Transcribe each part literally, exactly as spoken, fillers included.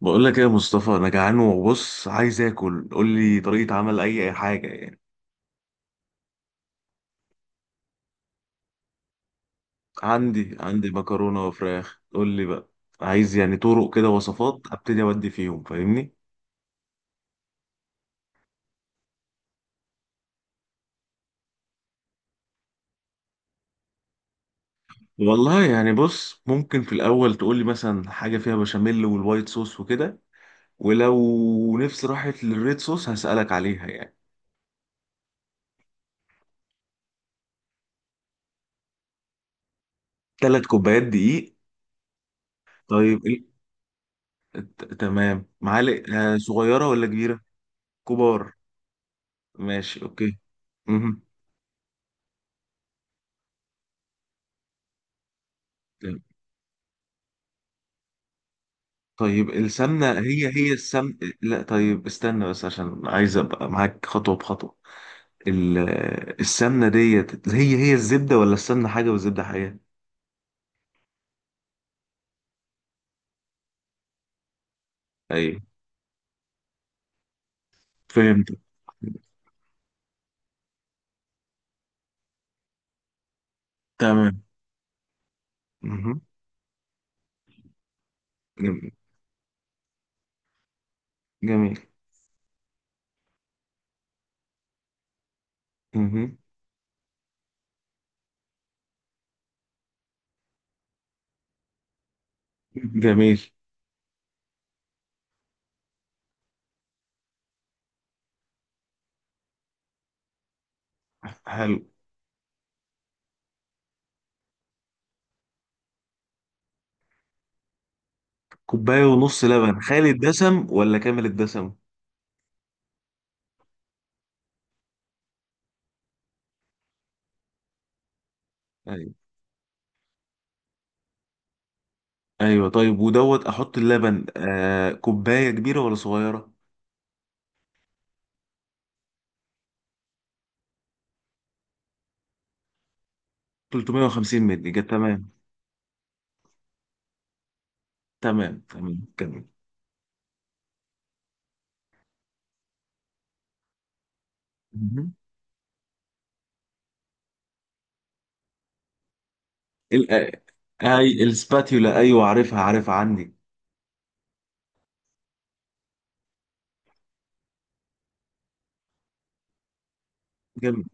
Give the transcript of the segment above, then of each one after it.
بقول لك ايه يا مصطفى، انا جعان وبص عايز اكل. قول لي طريقة عمل اي اي حاجة يعني. عندي عندي مكرونة وفراخ، قول لي بقى. عايز يعني طرق كده وصفات ابتدي اودي فيهم، فاهمني. والله يعني بص، ممكن في الاول تقول لي مثلا حاجة فيها بشاميل والوايت صوص وكده، ولو نفسي راحت للريد صوص هسألك عليها يعني. ثلاث كوبايات دقيق. طيب ايه، ت- تمام. معالق آه، صغيرة ولا كبيرة؟ كبار. ماشي، اوكي. مهم. طيب، السمنة هي هي السمن؟ لا، طيب استنى بس عشان عايز ابقى معاك خطوة بخطوة. ال- السمنة ديت هي هي الزبدة، ولا السمنة حاجة والزبدة حاجة؟ ايوه، فهمت. تمام. مهم. جميل. جميل. مهم. جميل. حلو. كوباية ونص لبن خالي الدسم ولا كامل الدسم؟ ايوه ايوه. طيب ودوت احط اللبن، آه كوباية كبيرة ولا صغيرة؟ تلتمية وخمسين مللي جت. تمام تمام تمام، جميل. مهم. ال- اي السباتيولا، ايوه عارفها عارفها، عندي. جميل.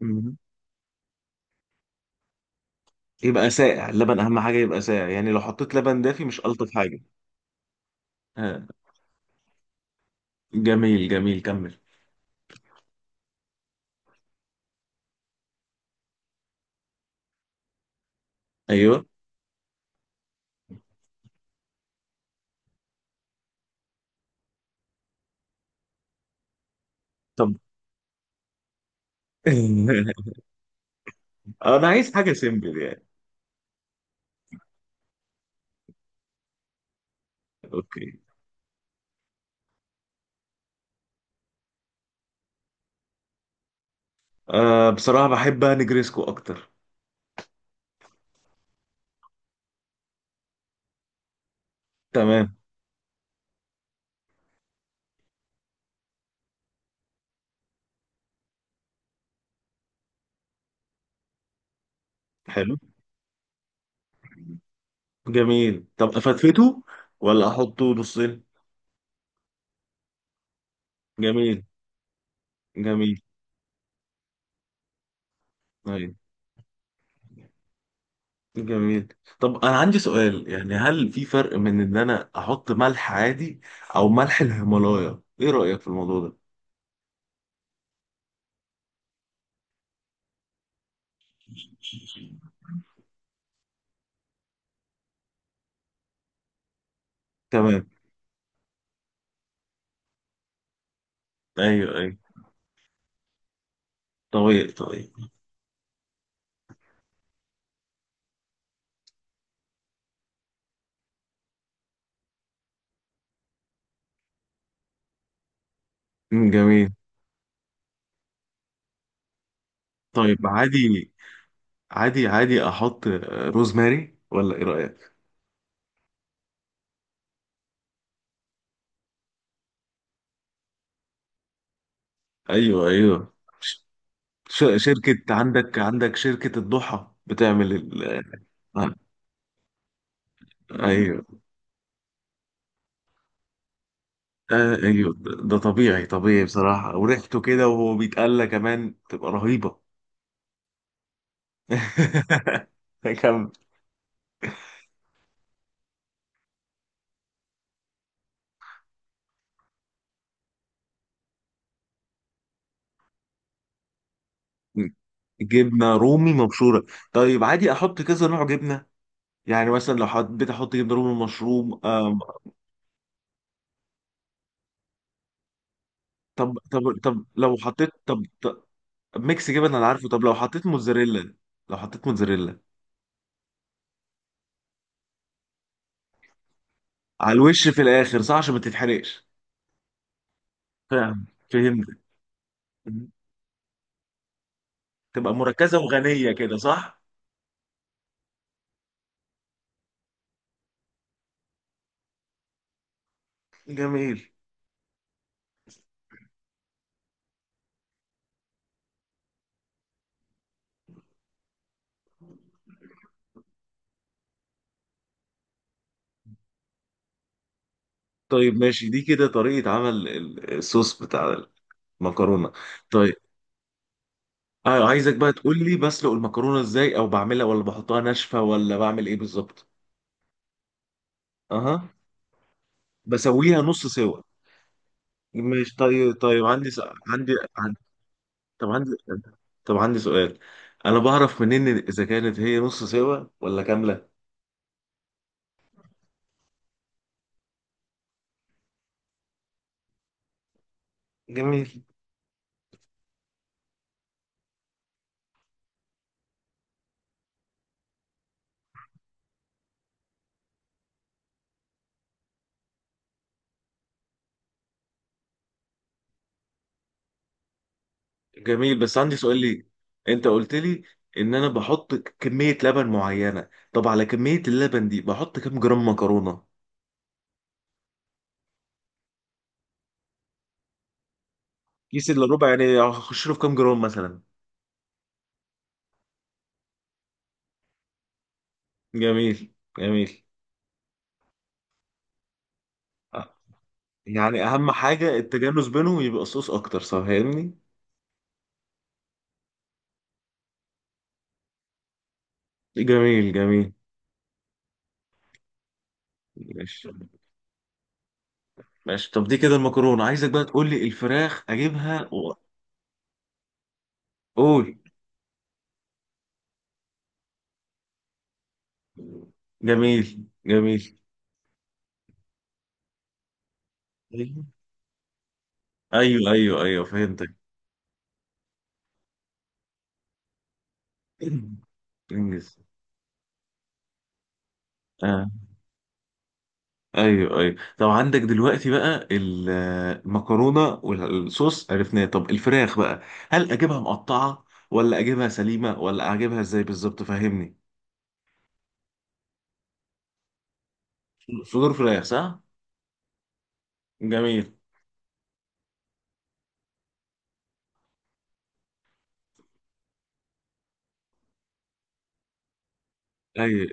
مهم. يبقى ساقع اللبن، اهم حاجه يبقى ساقع، يعني لو حطيت لبن دافي مش الطف حاجه. آه. جميل جميل، كمل. ايوه. طب. انا عايز حاجه سيمبل يعني. اوكي. آه، بصراحه بحب نجريسكو اكتر. تمام. حلو. جميل. طب افتفته ولا احطه نصين؟ جميل. جميل. أيوة. جميل. طب انا عندي سؤال يعني، هل في فرق من ان انا احط ملح عادي او ملح الهيمالايا؟ ايه رأيك في الموضوع ده؟ تمام. ايوه ايوه. طيب طيب. أمم، جميل. طيب عادي، عادي عادي احط آه، روزماري ولا ايه رأيك؟ ايوه ايوه. ش- ش- شركة، عندك عندك شركة الضحى بتعمل ال...؟ آه، ايوه. آه، ايوه، ده ده طبيعي طبيعي بصراحة، وريحته كده وهو بيتقلى كمان تبقى رهيبة. كم. جبنه رومي مبشوره. طيب عادي احط كذا نوع جبنه؟ يعني مثلا لو حبيت احط جبنه رومي، مشروم، آم، طب طب طب لو حطيت، طب, طب ميكس جبن انا عارفه. طب لو حطيت موتزاريلا، لو حطيت موتزاريلا؟ على الوش في الاخر، صح، عشان ما تتحرقش. فاهم، فهمت. تبقى مركزه وغنيه كده، صح. جميل. طيب ماشي، دي كده طريقه عمل ال- الصوص بتاع المكرونه. طيب، اه عايزك بقى تقول لي، بسلق المكرونه ازاي، او بعملها ولا بحطها ناشفه، ولا بعمل ايه بالظبط؟ اها. بسويها نص سوا. مش طيب، طيب، عندي س... عندي عن- طب عندي، طب عندي سؤال، انا بعرف منين اذا كانت هي نص سوا ولا كامله؟ جميل جميل. بس عندي سؤال ليك، انت قلت لي ان انا بحط ك- كميه لبن معينه، طب على كميه اللبن دي بحط كام جرام مكرونه؟ كيس الا ربع، يعني اخش له في كام جرام مثلا؟ جميل جميل. يعني اهم حاجة التجانس بينهم، يبقى صوص اكتر، صح فاهمني؟ جميل جميل. ماشي ماشي. طب دي كده المكرونة، عايزك بقى تقول لي الفراخ، اجيبها و...؟ قول. جميل جميل. ايوه ايوه ايوه، فهمتك. انجز. آه. ايوه ايوه. طب عندك دلوقتي بقى ال- المكرونه والصوص عرفناه، طب الفراخ بقى، هل اجيبها مقطعه ولا اجيبها سليمه، ولا اجيبها ازاي بالظبط؟ فهمني. صدور فراخ، صح؟ جميل. اي.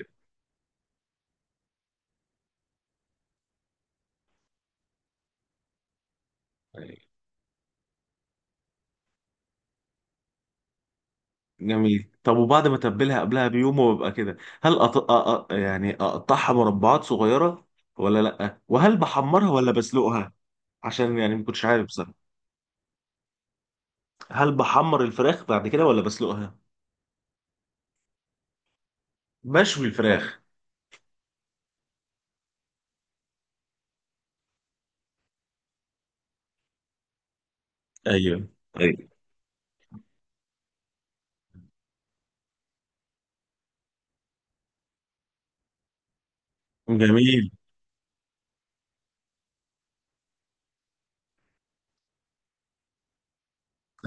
أي. جميل. طب وبعد ما اتبلها قبلها بيوم وببقى كده، هل أط... أ... أ... يعني اقطعها مربعات صغيره ولا لا؟ وهل بحمرها ولا بسلقها؟ عشان يعني ما كنتش عارف بصراحه، هل بحمر الفراخ بعد كده ولا بسلقها؟ بشوي الفراخ. ايوه. ايوه. جميل.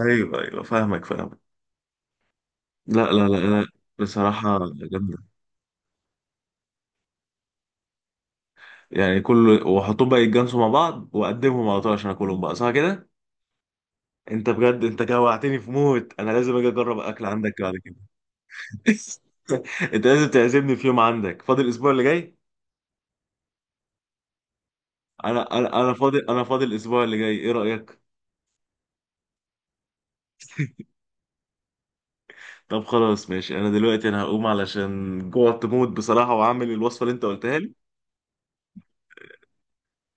ايوه ايوه، فاهمك فاهمك. لا لا لا. لا. بصراحه جامده. يعني كل واحطهم بقى يتجانسوا مع بعض، واقدمهم على طول، عشان اكلهم بقى صح كده. انت بجد انت جوعتني في موت، انا لازم اجي اجرب اكل عندك بعد كده. انت لازم تعزمني في يوم، عندك فاضل الاسبوع اللي جاي؟ انا انا انا فاضل انا فاضل الاسبوع اللي جاي، ايه رايك؟ طب خلاص ماشي، انا دلوقتي انا هقوم علشان جوعت موت بصراحه، وعامل الوصفه اللي انت قلتها لي.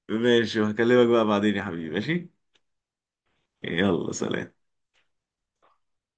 ماشي، وهكلمك بقى بعدين يا حبيبي. ماشي، يلا، سلام.